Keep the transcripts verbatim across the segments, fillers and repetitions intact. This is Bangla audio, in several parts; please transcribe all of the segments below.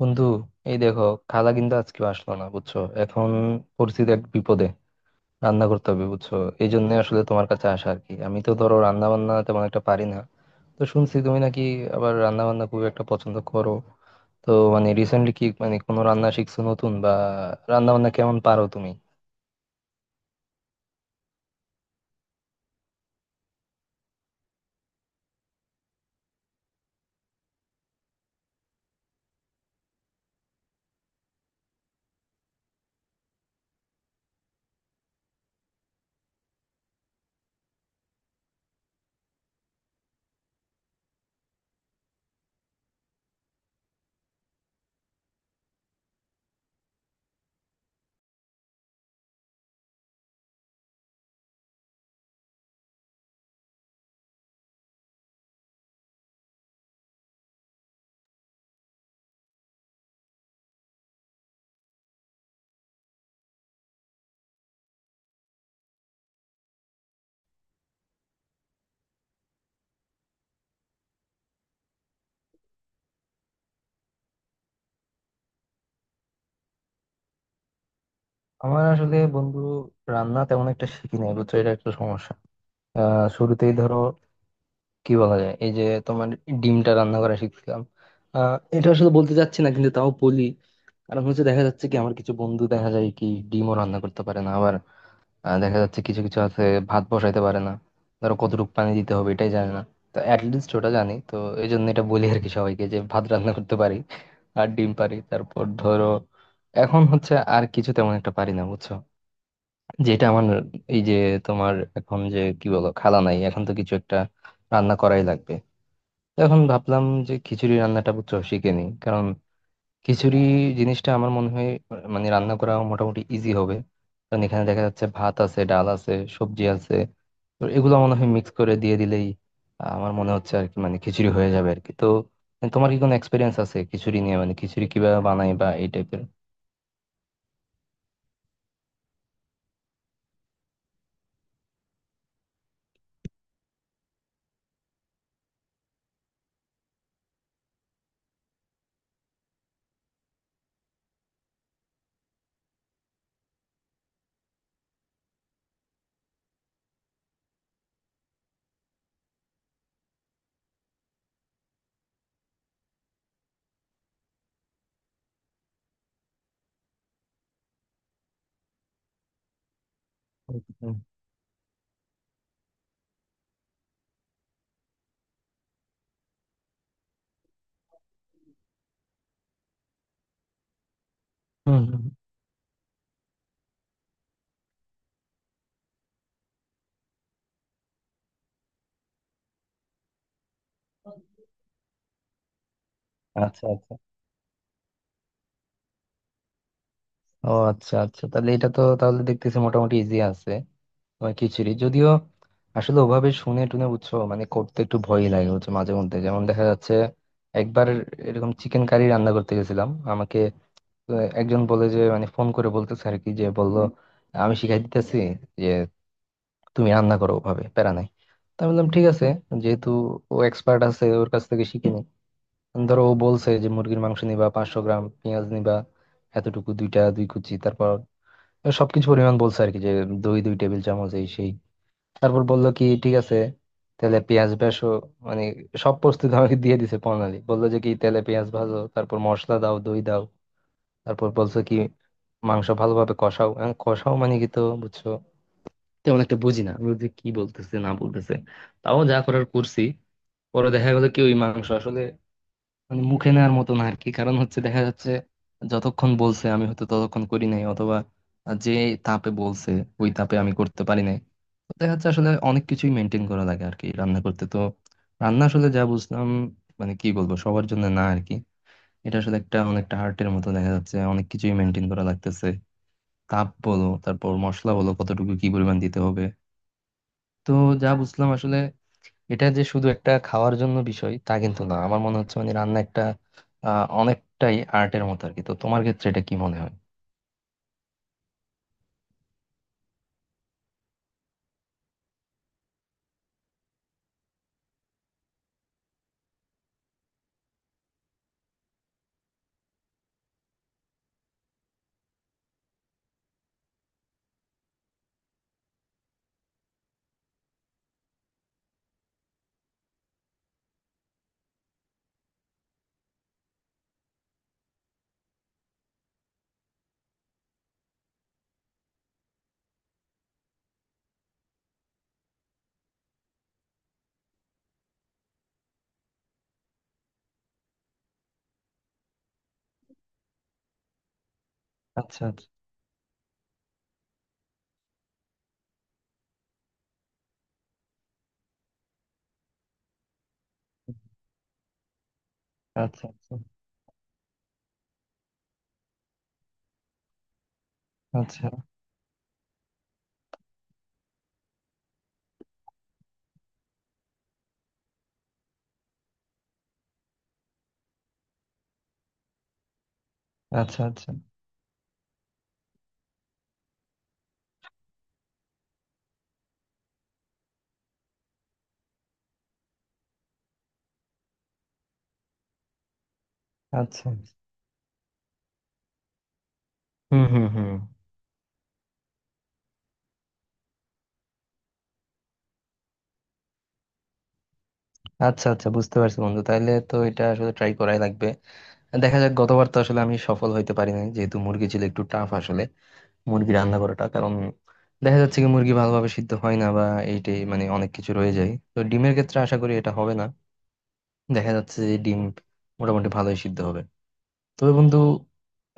বন্ধু, এই দেখো, খালা কিন্তু আজকে আসলো না বুঝছো। এখন পরিস্থিতি এক বিপদে, রান্না করতে হবে বুঝছো। এই জন্য আসলে তোমার কাছে আসা আর কি। আমি তো ধরো রান্না বান্না তেমন একটা পারি না। তো শুনছি তুমি নাকি আবার রান্না বান্না খুব একটা পছন্দ করো। তো মানে রিসেন্টলি কি মানে কোনো রান্না শিখছো নতুন বা রান্না বান্না কেমন পারো তুমি? আমার আসলে বন্ধু রান্না তেমন একটা শিখি নাই বুঝছো, এটা একটা সমস্যা। আহ শুরুতেই ধরো কি বলা যায়, এই যে তোমার ডিমটা রান্না করা শিখছিলাম। আহ এটা আসলে বলতে চাচ্ছি না কিন্তু তাও বলি, কারণ হচ্ছে দেখা যাচ্ছে কি আমার কিছু বন্ধু দেখা যায় কি ডিমও রান্না করতে পারে না। আবার আহ, দেখা যাচ্ছে কিছু কিছু আছে ভাত বসাইতে পারে না, ধরো কতটুকু পানি দিতে হবে এটাই জানে না। তো অ্যাটলিস্ট ওটা জানি তো, এই জন্য এটা বলি আর কি সবাইকে, যে ভাত রান্না করতে পারি আর ডিম পারি। তারপর ধরো এখন হচ্ছে আর কিছু তেমন একটা পারি না বুঝছো। যেটা আমার, এই যে তোমার, এখন যে কি বলো, খালা নাই, এখন তো কিছু একটা রান্না করাই লাগবে। তো এখন ভাবলাম যে খিচুড়ি রান্নাটা বুঝছো শিখে নিই, কারণ খিচুড়ি জিনিসটা আমার মনে হয় আহ, মানে রান্না করা মোটামুটি ইজি হবে। কারণ এখানে দেখা যাচ্ছে ভাত আছে, ডাল আছে, সবজি আছে, তো এগুলো মনে হয় মিক্স করে দিয়ে দিলেই আহ, আমার মনে হচ্ছে আর কি, মানে খিচুড়ি হয়ে যাবে আর কি। তো আহ, তোমার কি কোনো এক্সপিরিয়েন্স আছে খিচুড়ি নিয়ে, মানে খিচুড়ি কিভাবে বানাই বা এই টাইপের? হুম হুম হুম। আচ্ছা আচ্ছা। ও আচ্ছা আচ্ছা, তাহলে এটা তো তাহলে দেখতেছি মোটামুটি ইজি আছে। বা খিচুড়ি যদিও, আসলে ওভাবে শুনে টুনে বুঝছো মানে করতে একটু ভয়ই লাগে হচ্ছে মাঝে মধ্যে। যেমন দেখা যাচ্ছে একবার এরকম চিকেন কারি রান্না করতে গেছিলাম, আমাকে আহ, একজন বলে যে, মানে ফোন করে বলতেছে আর কি, যে বললো আমি শিখাই দিতেছি, যে তুমি রান্না করো, ওভাবে প্যারা নাই। তা আমি বললাম ঠিক আছে, যেহেতু ও এক্সপার্ট আছে ওর কাছ থেকে শিখে নি। ধরো ও বলছে যে মুরগির মাংস নিবা পাঁচশো গ্রাম, পেঁয়াজ নিবা এতটুকু, দুইটা দুই কুচি, তারপর সবকিছু পরিমাণ বলছে আর কি, যে দই দুই টেবিল চামচ এই সেই। তারপর বললো কি ঠিক আছে, তাহলে পেঁয়াজ ভাজো, মানে সব প্রস্তুতি আমাকে দিয়ে দিছে। প্রণালী বললো যে কি তেলে পেঁয়াজ ভাজো, তারপর মশলা দাও, দই দাও। তারপর বলছো কি মাংস ভালোভাবে কষাও। এখন কষাও মানে কি তো বুঝছো তেমন একটা বুঝি না আমি, বুঝি কি বলতেছে না বলতেছে। তাও যা করার করছি। পরে দেখা গেলো কি ওই মাংস আসলে মানে মুখে নেওয়ার মতো না আর কি। কারণ হচ্ছে দেখা যাচ্ছে যতক্ষণ বলছে আমি হয়তো ততক্ষণ করি নাই, অথবা যে তাপে বলছে ওই তাপে আমি করতে পারি নাই। তো দেখা যাচ্ছে আসলে অনেক কিছুই মেনটেন করা লাগে আর কি রান্না করতে তো। রান্না আসলে যা বুঝলাম, মানে কি বলবো, সবার জন্য না আর কি। এটা আসলে একটা অনেকটা আর্টের মতো, দেখা যাচ্ছে অনেক কিছুই মেনটেন করা লাগতেছে। তাপ বলো, তারপর মশলা বলো কতটুকু কি পরিমাণ দিতে হবে। তো যা বুঝলাম আসলে এটা যে শুধু একটা খাওয়ার জন্য বিষয় তা কিন্তু না, আমার মনে হচ্ছে মানে রান্না একটা আহ অনেকটাই আর্টের মতো আর কি। তো তোমার ক্ষেত্রে এটা কি মনে হয়? আচ্ছা আচ্ছা। আচ্ছা আচ্ছা। আচ্ছা আচ্ছা আচ্ছা। হুম হুম হুম। আচ্ছা আচ্ছা বুঝতে পারছি বন্ধু, তাইলে তো এটা আসলে ট্রাই করাই লাগবে। দেখা যাক, গতবার তো আসলে আমি সফল হইতে পারিনি, যেহেতু মুরগি ছিল একটু টাফ আসলে মুরগি রান্না করাটা। কারণ দেখা যাচ্ছে কি মুরগি ভালোভাবে সিদ্ধ হয় না বা এইটাই, মানে অনেক কিছু রয়ে যায়। তো ডিমের ক্ষেত্রে আশা করি এটা হবে না, দেখা যাচ্ছে যে ডিম মোটামুটি ভালোই সিদ্ধ হবে। তবে বন্ধু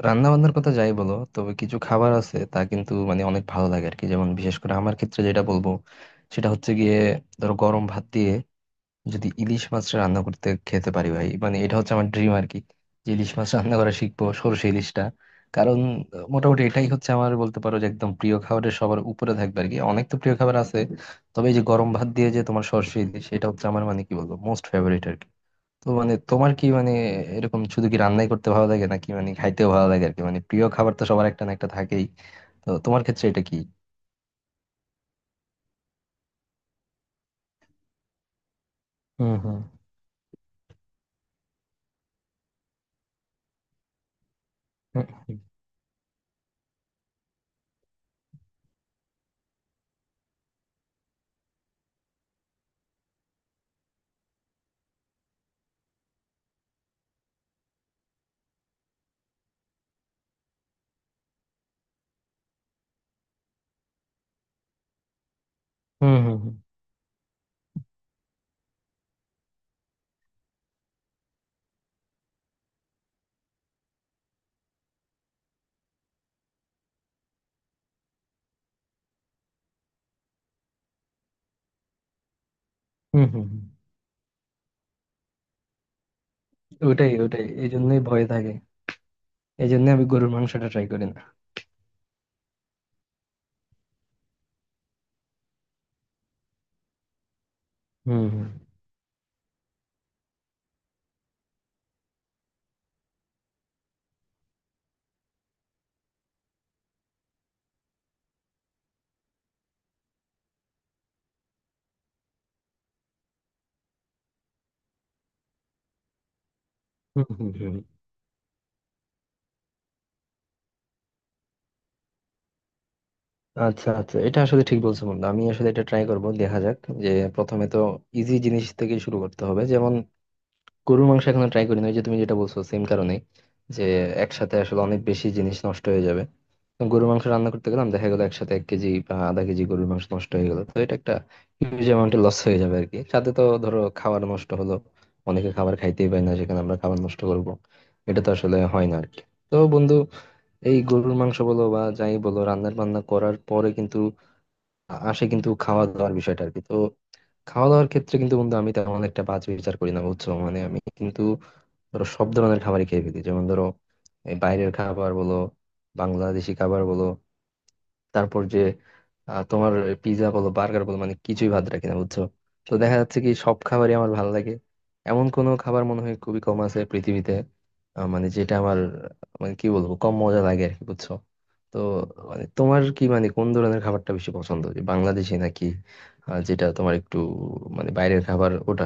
রান্না বান্নার কথা যাই বলো, তবে কিছু খাবার আছে তা কিন্তু মানে অনেক ভালো লাগে আর কি। যেমন বিশেষ করে আমার ক্ষেত্রে যেটা বলবো সেটা হচ্ছে গিয়ে ধরো গরম ভাত দিয়ে যদি ইলিশ মাছ রান্না করতে খেতে পারি, ভাই মানে এটা হচ্ছে আমার ড্রিম আর কি, যে ইলিশ মাছ রান্না করা শিখবো, সরষে ইলিশটা। কারণ আহ, মোটামুটি এটাই হচ্ছে আমার বলতে পারো যে একদম প্রিয় খাবারের সবার উপরে থাকবে আর কি। অনেক তো প্রিয় খাবার আছে, তবে এই যে গরম ভাত দিয়ে যে তোমার সরষে ইলিশ, এটা হচ্ছে আমার মানে কি বলবো মোস্ট ফেভারিট। তো মানে তোমার কি মানে এরকম শুধু কি রান্নাই করতে ভালো লাগে নাকি মানে খাইতেও ভালো লাগে আর কি, মানে প্রিয় খাবার তো সবার একটা না একটা থাকেই। তো তোমার ক্ষেত্রে এটা কি? হুম হুম। হুম হুম হুম হুম হুম। হুম। ওটাই ওটাই, এই জন্যই ভয় থাকে, এই জন্য আমি গরুর মাংসটা ট্রাই করি না। হুম হুম হুম হুম। হুম হুম হুম। আচ্ছা আচ্ছা এটা আসলে ঠিক বলছো বন্ধু, আমি আসলে এটা ট্রাই করব। দেখা যাক, যে প্রথমে তো ইজি জিনিস থেকে শুরু করতে হবে। যেমন গরুর মাংস এখনো ট্রাই করিনি, ওই যে তুমি যেটা বলছো সেম কারণে, যে একসাথে আসলে অনেক বেশি জিনিস নষ্ট হয়ে যাবে। তো গরুর মাংস রান্না করতে গেলাম দেখা গেলো একসাথে এক কেজি বা আধা কেজি গরুর মাংস নষ্ট হয়ে গেলো, তো এটা একটা হিউজ অ্যামাউন্টে লস হয়ে যাবে আর কি। সাথে তো ধরো খাবার নষ্ট হলো, অনেকে খাবার খাইতেই পায় না সেখানে আমরা খাবার নষ্ট করব, এটা তো আসলে হয় না আর কি। তো বন্ধু এই গরুর মাংস বলো বা যাই বলো, রান্নার বান্না করার পরে কিন্তু আ- আসে কিন্তু খাওয়া দাওয়ার বিষয়টা আর কি। তো খাওয়া দাওয়ার ক্ষেত্রে কিন্তু বন্ধু আমি তেমন একটা বাজ বিচার করি না বুঝছো, মানে আমি কিন্তু ধরো সব ধরনের খাবারই খেয়ে ফেলি। যেমন ধরো এই বাইরের খাবার বলো, বাংলাদেশি খাবার বলো, তারপর যে আহ, তোমার পিৎজা বলো, বার্গার বলো, মানে কিছুই ভাত রাখি না বুঝছো। তো দেখা যাচ্ছে কি সব খাবারই আমার ভালো লাগে, এমন কোনো খাবার মনে হয় খুবই কম আছে পৃথিবীতে আহ, মানে যেটা আমার আহ, মানে কি বলবো কম মজা লাগে আর কি বুঝছো। তো মানে তোমার কি মানে কোন ধরনের খাবারটা বেশি পছন্দ, যে বাংলাদেশি নাকি আহ, যেটা তোমার একটু মানে বাইরের খাবার ওটা?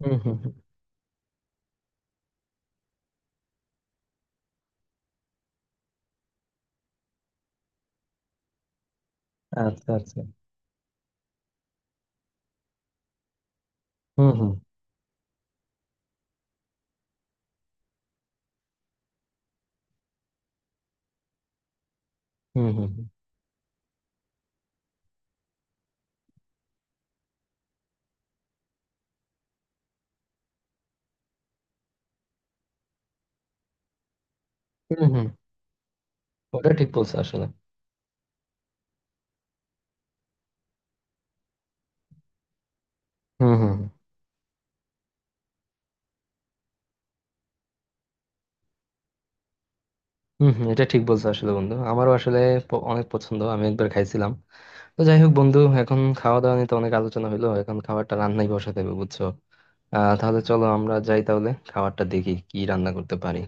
হুম হুম হুম। আচ্ছা আচ্ছা। হুম হুম। হম। হুম হুম। ওটা ঠিক বলছো আসলে। হুম হুম। হুম হুম, এটা ঠিক বলছো আসলে বন্ধু, আমারও আসলে প- অনেক পছন্দ, আমি একবার খাইছিলাম। তো যাই হোক বন্ধু, এখন খাওয়া দাওয়া নিয়ে তো অনেক আলোচনা হলো, এখন খাবারটা রান্নাই বসাতে হবে বুঝছো। আহ তাহলে চলো আমরা যাই, তাহলে খাবারটা দেখি কি রান্না করতে পারি।